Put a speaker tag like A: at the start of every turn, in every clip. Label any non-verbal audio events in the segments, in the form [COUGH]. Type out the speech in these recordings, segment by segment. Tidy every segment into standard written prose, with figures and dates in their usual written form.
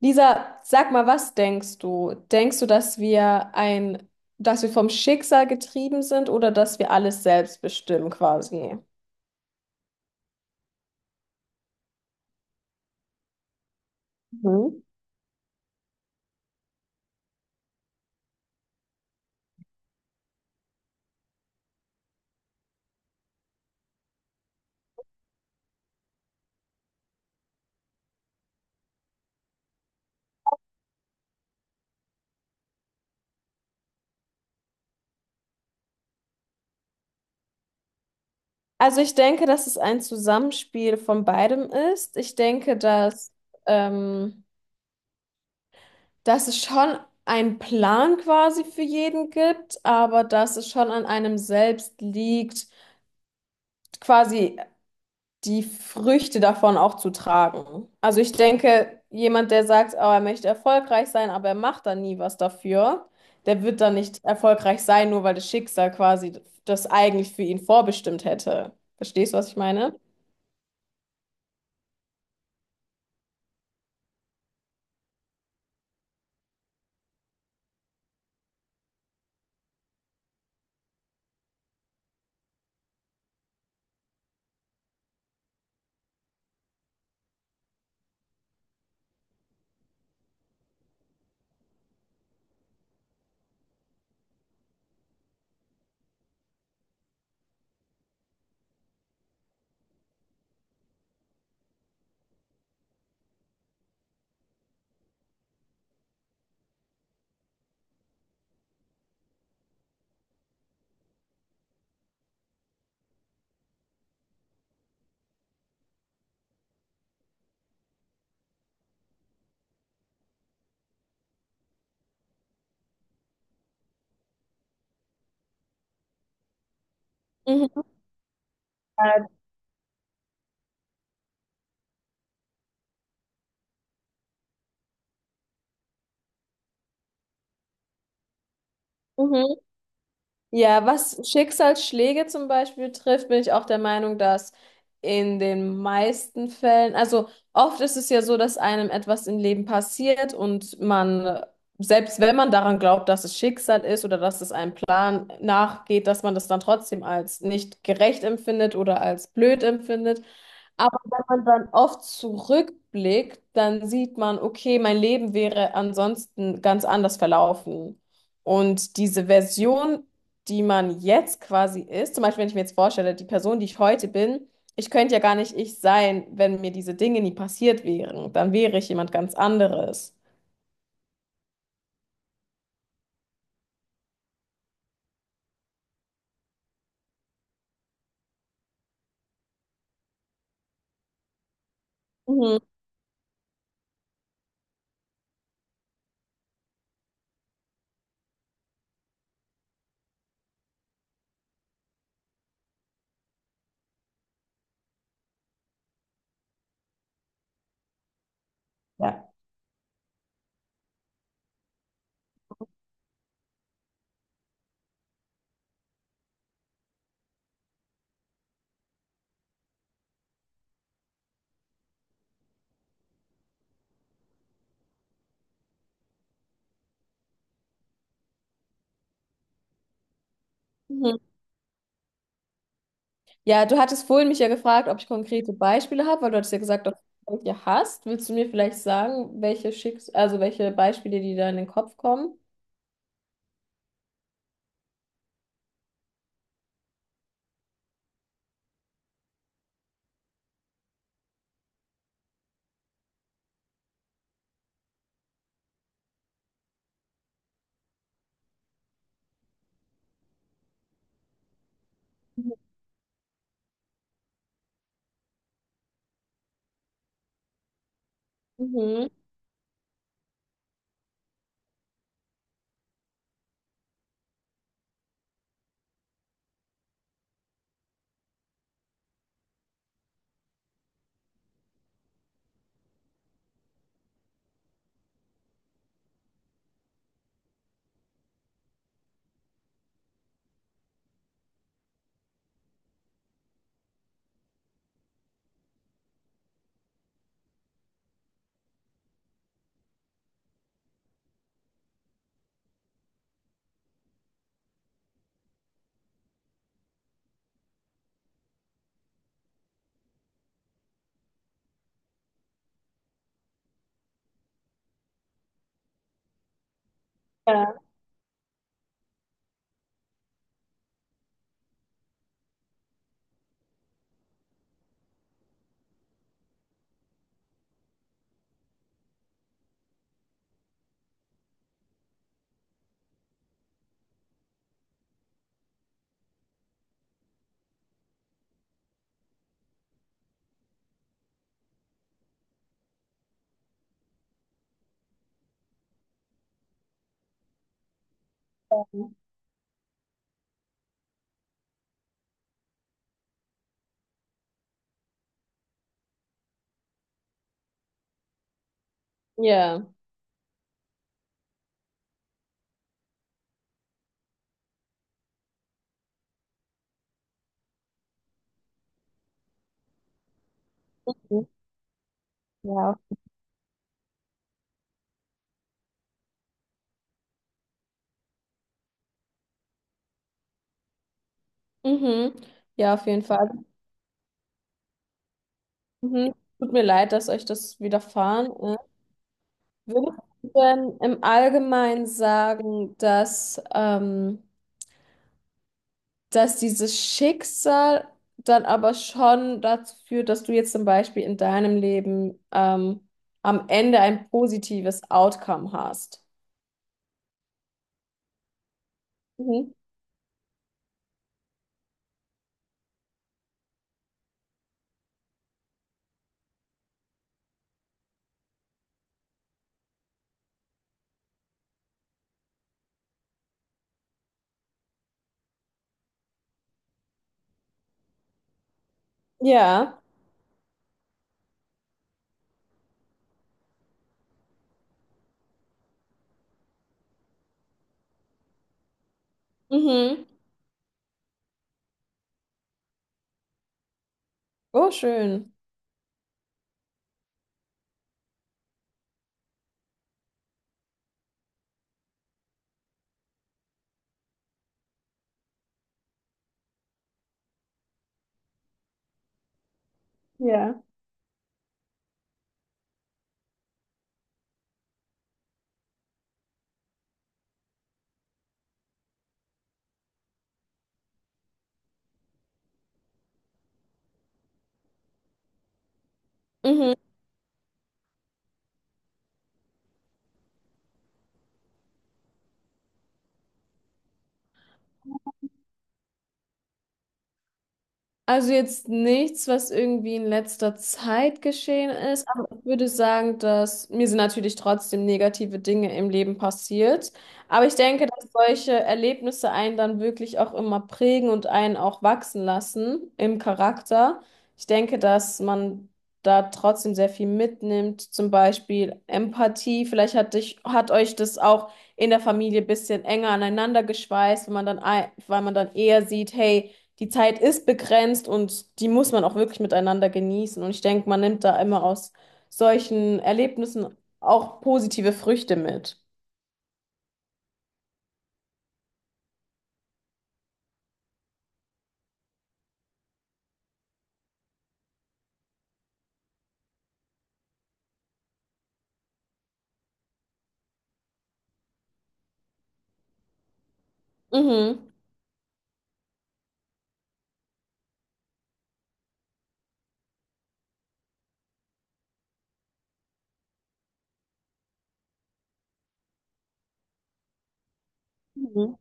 A: Lisa, sag mal, was denkst du? Denkst du, dass wir dass wir vom Schicksal getrieben sind oder dass wir alles selbst bestimmen quasi? Mhm. Also ich denke, dass es ein Zusammenspiel von beidem ist. Ich denke, ähm, dass es schon einen Plan quasi für jeden gibt, aber dass es schon an einem selbst liegt, quasi die Früchte davon auch zu tragen. Also ich denke, jemand, der sagt, oh, er möchte erfolgreich sein, aber er macht dann nie was dafür, der wird dann nicht erfolgreich sein, nur weil das Schicksal quasi das eigentlich für ihn vorbestimmt hätte. Verstehst du, was ich meine? Mhm, mhm. Ja, was Schicksalsschläge zum Beispiel trifft, bin ich auch der Meinung, dass in den meisten Fällen, also oft ist es ja so, dass einem etwas im Leben passiert und man, selbst wenn man daran glaubt, dass es Schicksal ist oder dass es einem Plan nachgeht, dass man das dann trotzdem als nicht gerecht empfindet oder als blöd empfindet. Aber wenn man dann oft zurückblickt, dann sieht man, okay, mein Leben wäre ansonsten ganz anders verlaufen. Und diese Version, die man jetzt quasi ist, zum Beispiel, wenn ich mir jetzt vorstelle, die Person, die ich heute bin, ich könnte ja gar nicht ich sein, wenn mir diese Dinge nie passiert wären. Dann wäre ich jemand ganz anderes. Mhm. Ja. Mhm. Ja, du hattest vorhin mich ja gefragt, ob ich konkrete Beispiele habe, weil du hattest ja gesagt, dass du welche hast. Willst du mir vielleicht sagen, welche Schicks also welche Beispiele, die da in den Kopf kommen? Mhm. Ja. Ja. Ja. Mhm. Ja, auf jeden Fall. Also, mhm. Tut mir leid, dass euch das widerfahren ist. Würdest du denn im Allgemeinen sagen, dass dass dieses Schicksal dann aber schon dazu führt, dass du jetzt zum Beispiel in deinem Leben am Ende ein positives Outcome hast. Mhm. Ja. Mhm. Oh, schön. Ja. Mhm. Also jetzt nichts, was irgendwie in letzter Zeit geschehen ist, aber ich würde sagen, dass mir sind natürlich trotzdem negative Dinge im Leben passiert. Aber ich denke, dass solche Erlebnisse einen dann wirklich auch immer prägen und einen auch wachsen lassen im Charakter. Ich denke, dass man da trotzdem sehr viel mitnimmt, zum Beispiel Empathie. Vielleicht hat hat euch das auch in der Familie ein bisschen enger aneinander geschweißt, wenn man dann, weil man dann eher sieht, hey, die Zeit ist begrenzt und die muss man auch wirklich miteinander genießen. Und ich denke, man nimmt da immer aus solchen Erlebnissen auch positive Früchte mit. Mhm. Mhm.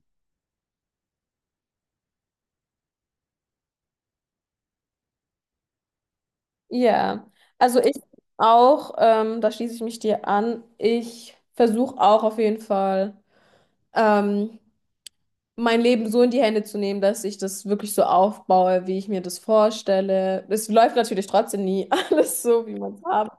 A: Ja, also ich auch, da schließe ich mich dir an, ich versuche auch auf jeden Fall, ähm, mein Leben so in die Hände zu nehmen, dass ich das wirklich so aufbaue, wie ich mir das vorstelle. Es läuft natürlich trotzdem nie [LAUGHS] alles so, wie man es haben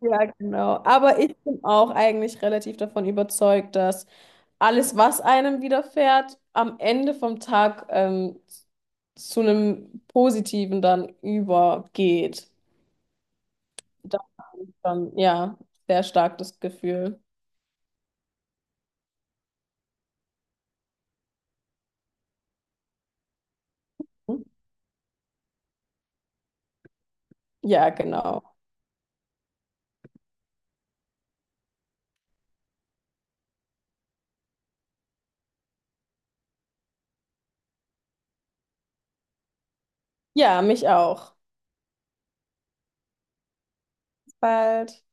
A: Ja, genau. Aber ich bin auch eigentlich relativ davon überzeugt, dass alles, was einem widerfährt, am Ende vom Tag zu einem Positiven dann übergeht. Das ist dann, ja, sehr stark das Gefühl. Ja, genau. Ja, mich auch. Bis bald.